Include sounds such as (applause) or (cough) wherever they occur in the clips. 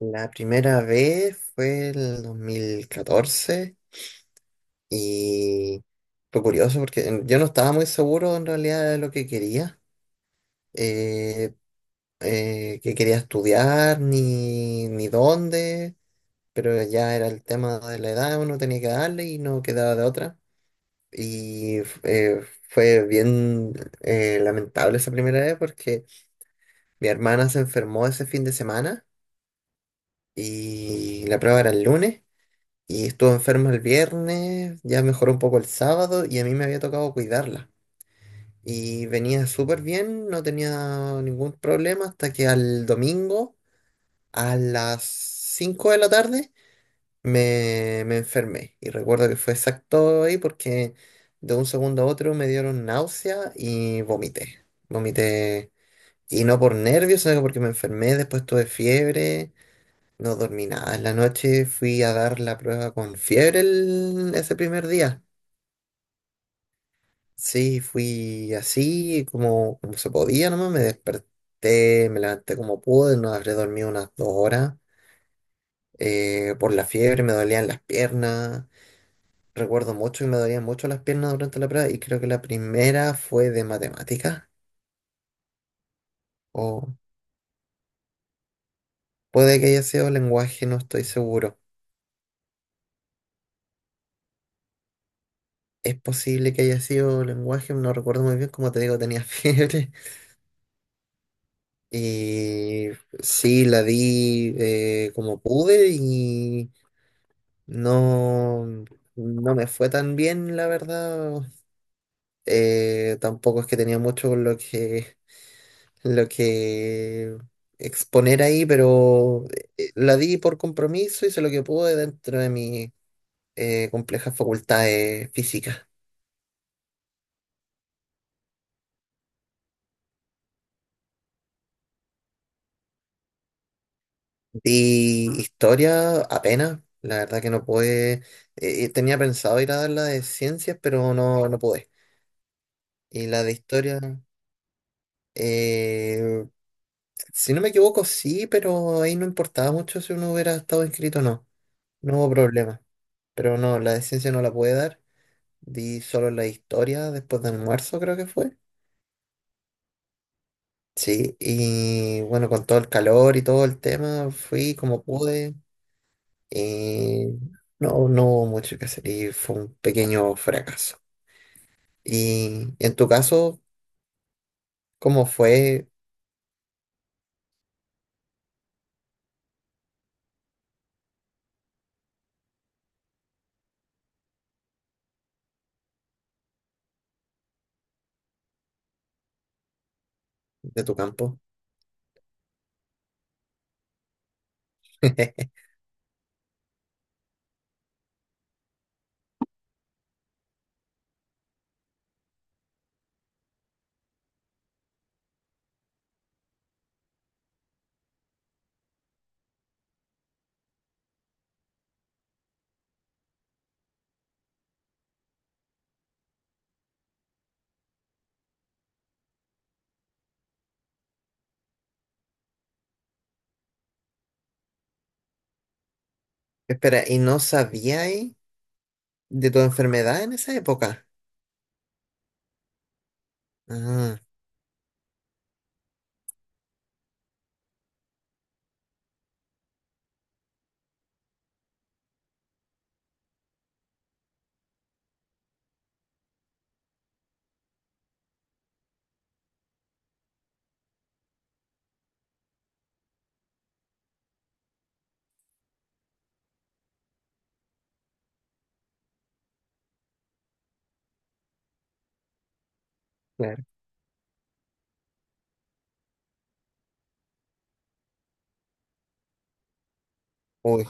La primera vez fue el 2014 y fue curioso porque yo no estaba muy seguro en realidad de lo eh, que quería estudiar ni dónde, pero ya era el tema de la edad, uno tenía que darle y no quedaba de otra. Y fue bien lamentable esa primera vez porque mi hermana se enfermó ese fin de semana y la prueba era el lunes. Y estuvo enferma el viernes, ya mejoró un poco el sábado y a mí me había tocado cuidarla. Y venía súper bien, no tenía ningún problema hasta que al domingo, a las 5 de la tarde, me enfermé. Y recuerdo que fue exacto ahí porque de un segundo a otro me dieron náusea y vomité. Vomité, y no por nervios, sino que porque me enfermé, después tuve fiebre, no dormí nada. En la noche fui a dar la prueba con fiebre ese primer día. Sí, fui así como se podía nomás. Me desperté, me levanté como pude. No habré dormido unas 2 horas. Por la fiebre me dolían las piernas. Recuerdo mucho que me dolían mucho las piernas durante la prueba. Y creo que la primera fue de matemáticas. O puede que haya sido lenguaje, no estoy seguro. Es posible que haya sido lenguaje, no recuerdo muy bien. Como te digo, tenía (laughs) fiebre. Y sí, la vi como pude y no, no me fue tan bien, la verdad. Tampoco es que tenía mucho con lo que exponer ahí, pero la di por compromiso, hice lo que pude dentro de mis complejas facultades físicas. Di historia apenas, la verdad que no pude. Tenía pensado ir a dar la de ciencias, pero no, no pude. Y la de historia, eh, si no me equivoco, sí, pero ahí no importaba mucho si uno hubiera estado inscrito o no. No hubo problema. Pero no, la de ciencia no la pude dar. Di solo la de historia después del almuerzo, creo que fue. Sí, y bueno, con todo el calor y todo el tema, fui como pude. Y no, no hubo mucho que hacer y fue un pequeño fracaso. Y en tu caso, ¿cómo fue de tu campo? (laughs) Espera, ¿y no sabíais? ¿De tu enfermedad en esa época? Ah, claro. Uy,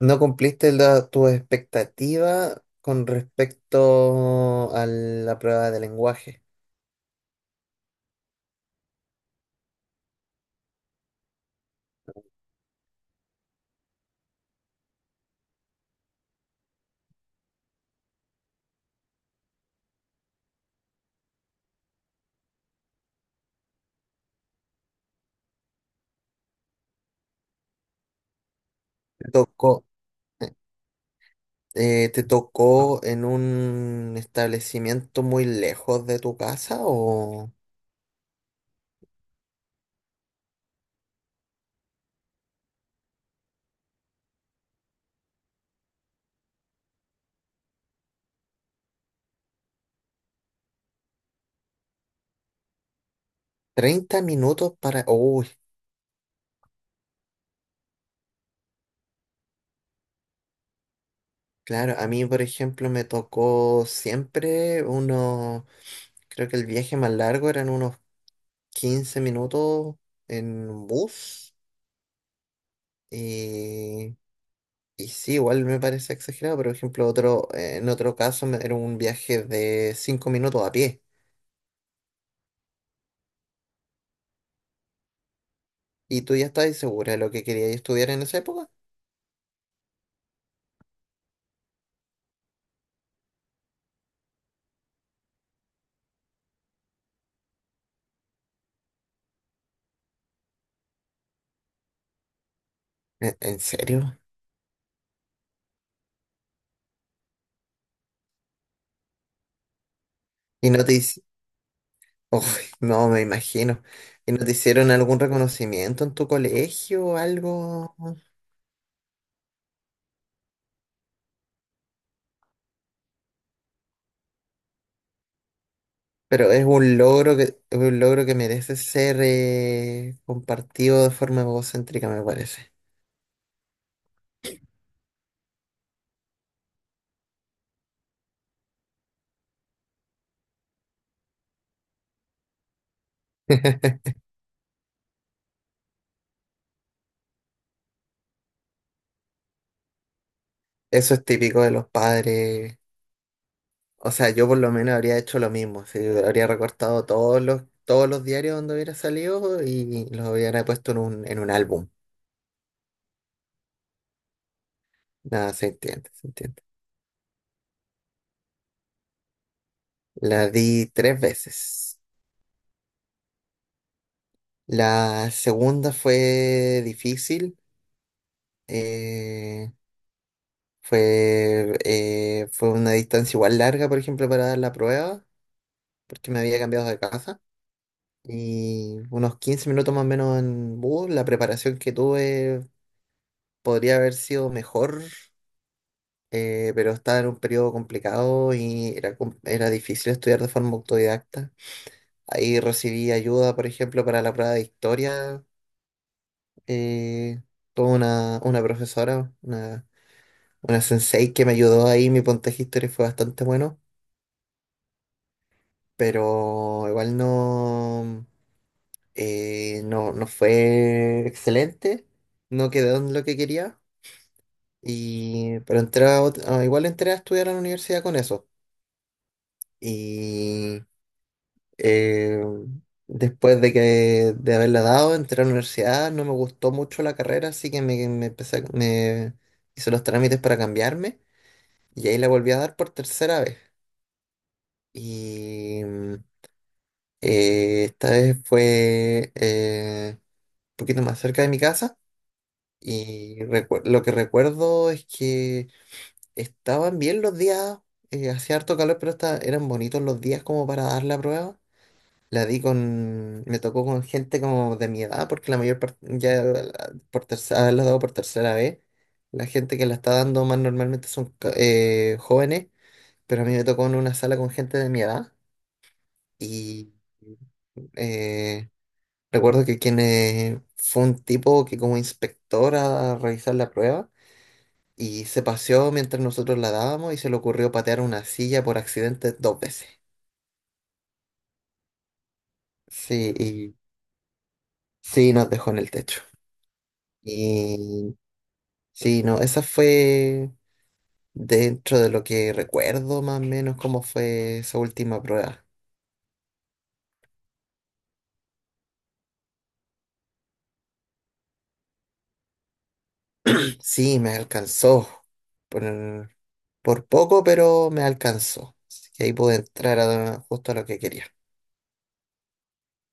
no cumpliste tu expectativa con respecto a la prueba de lenguaje. Te tocó, ¿Te tocó en un establecimiento muy lejos de tu casa o 30 minutos para? Uy, claro, a mí, por ejemplo, me tocó siempre unos. Creo que el viaje más largo eran unos 15 minutos en bus. Y Y sí, igual me parece exagerado, pero por ejemplo, otro, en otro caso era un viaje de 5 minutos a pie. ¿Y tú ya estabas segura de lo que querías estudiar en esa época? ¿En serio? ¿Y no te hici-? (laughs) Uy, no, me imagino. ¿Y no te hicieron algún reconocimiento en tu colegio o algo? Pero es un logro que merece ser compartido de forma egocéntrica, me parece. (laughs) Eso es típico de los padres. O sea, yo por lo menos habría hecho lo mismo. Sí, habría recortado todos los diarios donde hubiera salido y los hubiera puesto en un álbum. Nada, se entiende, se entiende. La di tres veces. La segunda fue difícil. eh, fue una distancia igual larga, por ejemplo, para dar la prueba, porque me había cambiado de casa. Y unos 15 minutos más o menos en bus. La preparación que tuve podría haber sido mejor, pero estaba en un periodo complicado y era difícil estudiar de forma autodidacta. Ahí recibí ayuda, por ejemplo, para la prueba de historia. eh, Tuve una profesora, una sensei que me ayudó ahí. Mi puntaje de historia fue bastante bueno, pero igual no, no fue excelente. No quedó en lo que quería. Y, pero entré a ot- ah, Igual entré a estudiar a la universidad con eso. Y Eh, después de haberla dado, entré a la universidad, no me gustó mucho la carrera, así que me hice los trámites para cambiarme y ahí la volví a dar por tercera vez. Y esta vez fue un poquito más cerca de mi casa y lo que recuerdo es que estaban bien los días, hacía harto calor, pero eran bonitos los días como para dar la prueba. Me tocó con gente como de mi edad, porque la mayor parte, por tercera, haberla dado por tercera vez, la gente que la está dando más normalmente son jóvenes, pero a mí me tocó en una sala con gente de mi edad y eh, recuerdo que quien fue un tipo que como inspector a revisar la prueba y se paseó mientras nosotros la dábamos y se le ocurrió patear una silla por accidente dos veces. Sí, y sí, nos dejó en el techo. Y sí, no, esa fue, dentro de lo que recuerdo, más o menos cómo fue esa última prueba. Sí, me alcanzó. Por, por poco, pero me alcanzó. Así que ahí pude entrar justo a lo que quería.